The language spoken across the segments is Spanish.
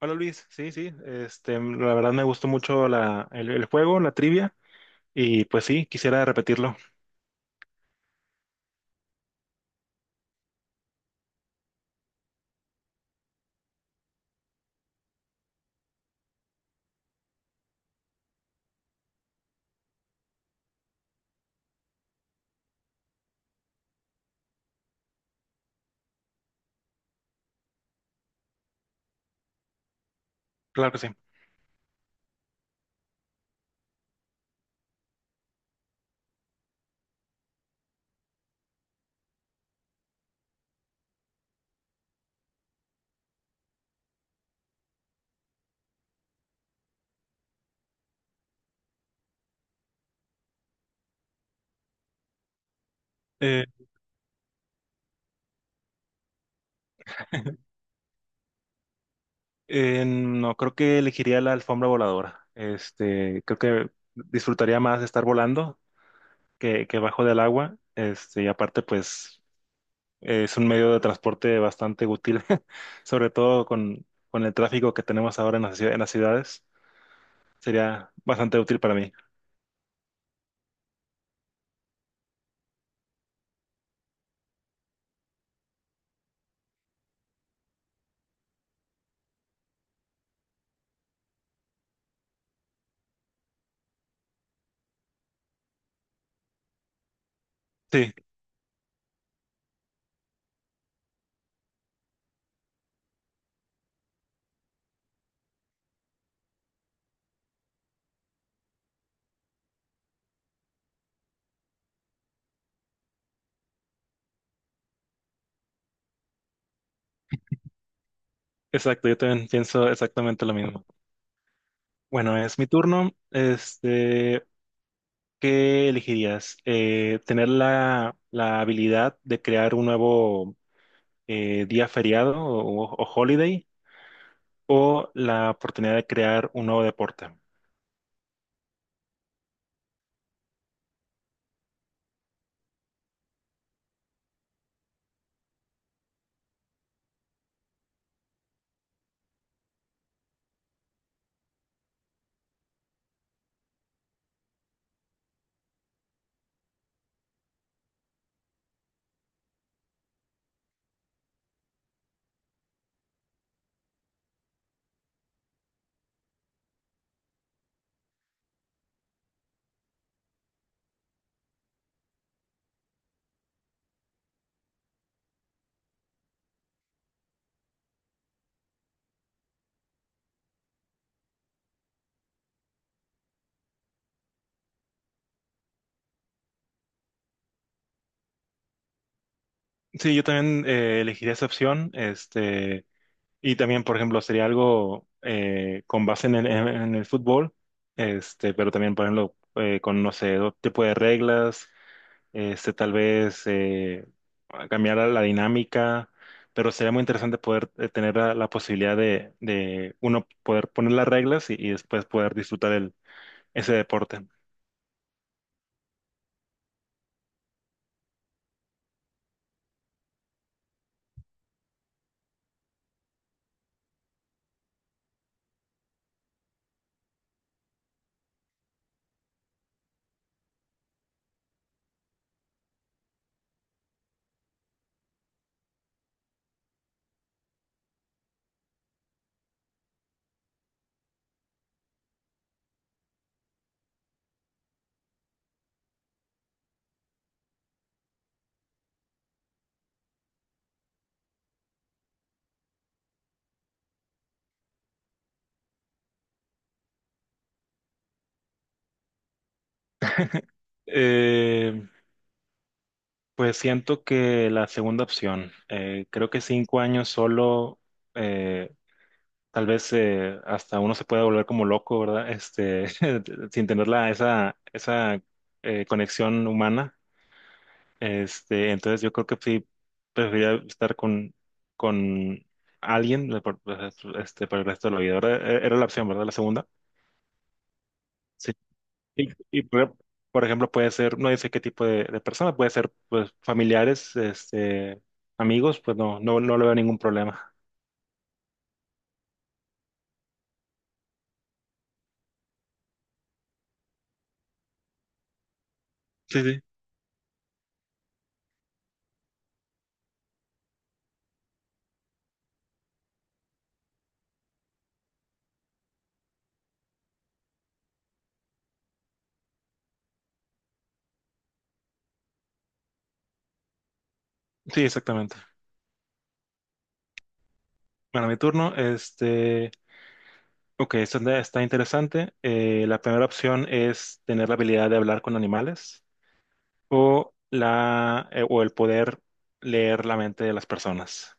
Hola Luis, sí, sí, este, la verdad me gustó mucho el juego, la trivia, y pues sí, quisiera repetirlo, claro que sí. Eh, no, creo que elegiría la alfombra voladora, este, creo que disfrutaría más de estar volando que bajo del agua, este, y aparte pues es un medio de transporte bastante útil, sobre todo con el tráfico que tenemos ahora en en las ciudades, sería bastante útil para mí. Sí, exacto, yo también pienso exactamente lo mismo. Bueno, es mi turno. Este, ¿qué elegirías? ¿Tener la habilidad de crear un nuevo día feriado o holiday o la oportunidad de crear un nuevo deporte? Sí, yo también elegiría esa opción. Este, y también, por ejemplo, sería algo con base en en el fútbol, este, pero también, por ejemplo, con, no sé, otro tipo de reglas este, tal vez cambiar la dinámica, pero sería muy interesante poder tener la posibilidad de uno poder poner las reglas y después poder disfrutar ese deporte. Eh, pues siento que la segunda opción, creo que 5 años solo. eh, Tal vez hasta uno se pueda volver como loco, ¿verdad? Este, sin tener esa conexión humana. Este, entonces yo creo que sí preferiría estar con alguien pues, este, para el resto de la vida. Ahora, era la opción, ¿verdad? La segunda. Sí. Y, y, por por ejemplo, puede ser, no dice qué tipo de persona, puede ser pues familiares, este, amigos, pues no, no, no le veo ningún problema. Sí, sí. Sí, exactamente. Bueno, mi turno, este, ok, esta está interesante. La primera opción es tener la habilidad de hablar con animales, o el poder leer la mente de las personas.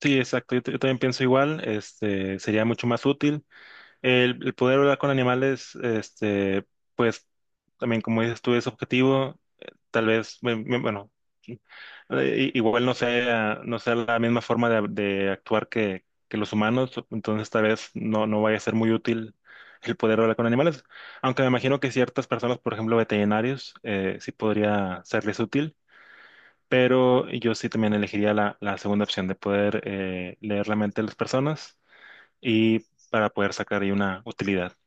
Sí, exacto. Yo también pienso igual. Este sería mucho más útil. El poder hablar con animales, este, pues también como dices tú, es objetivo. Tal vez, bueno, sí, igual no sea la misma forma de actuar que los humanos, entonces tal vez no, no vaya a ser muy útil el poder hablar con animales. Aunque me imagino que ciertas personas, por ejemplo, veterinarios, sí podría serles útil, pero yo sí también elegiría la segunda opción de poder leer la mente de las personas y para poder sacar ahí una utilidad.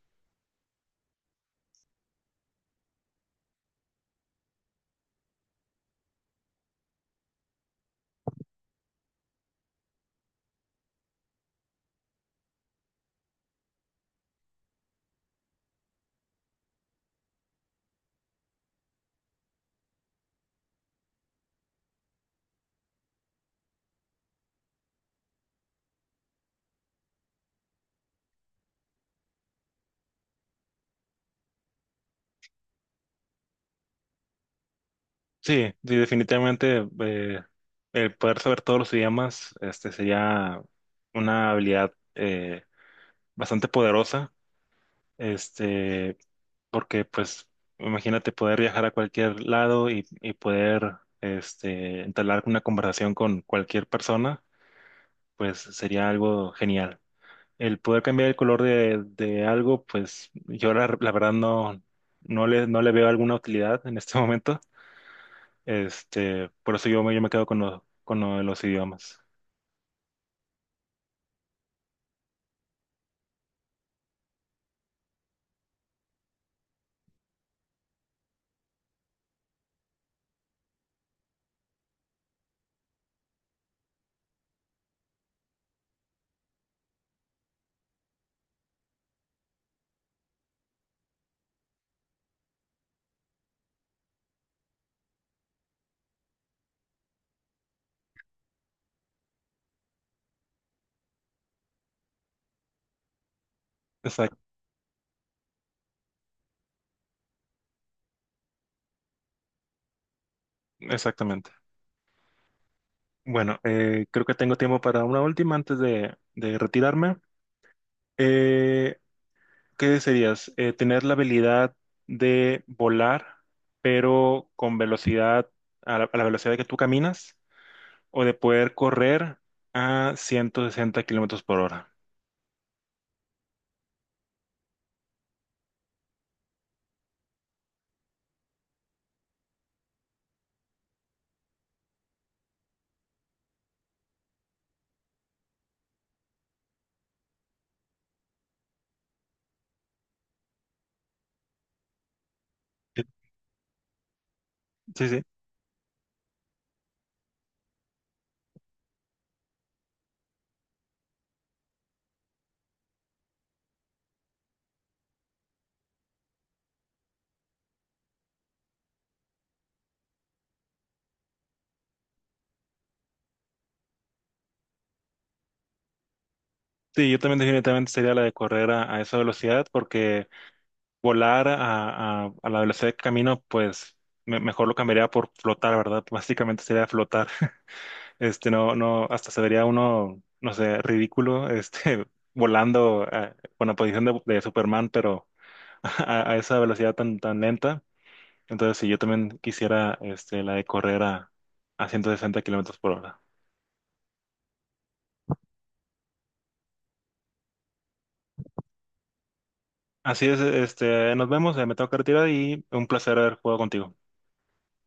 Sí, sí, definitivamente el poder saber todos los idiomas este, sería una habilidad bastante poderosa, este, porque pues imagínate poder viajar a cualquier lado y poder este, entablar una conversación con cualquier persona, pues sería algo genial. El poder cambiar el color de algo, pues yo la verdad no, no le veo alguna utilidad en este momento este, por eso yo me quedo con con lo de los idiomas. Exact- Exactamente. Bueno, creo que tengo tiempo para una última antes de retirarme. Eh, ¿Qué desearías? Tener la habilidad de volar, pero con velocidad, a la velocidad que tú caminas, o de poder correr a 160 km/h. Sí, sí. Sí, yo también definitivamente sería la de correr a esa velocidad porque volar a la velocidad de camino, pues mejor lo cambiaría por flotar, ¿verdad? Básicamente sería flotar. Este, no, no, hasta se vería uno, no sé, ridículo, este, volando con la posición de Superman, pero a esa velocidad tan, tan lenta. Entonces, si yo también quisiera, este, la de correr a 160 km/h. Así es, este, nos vemos, me tengo que retirar y un placer haber jugado contigo.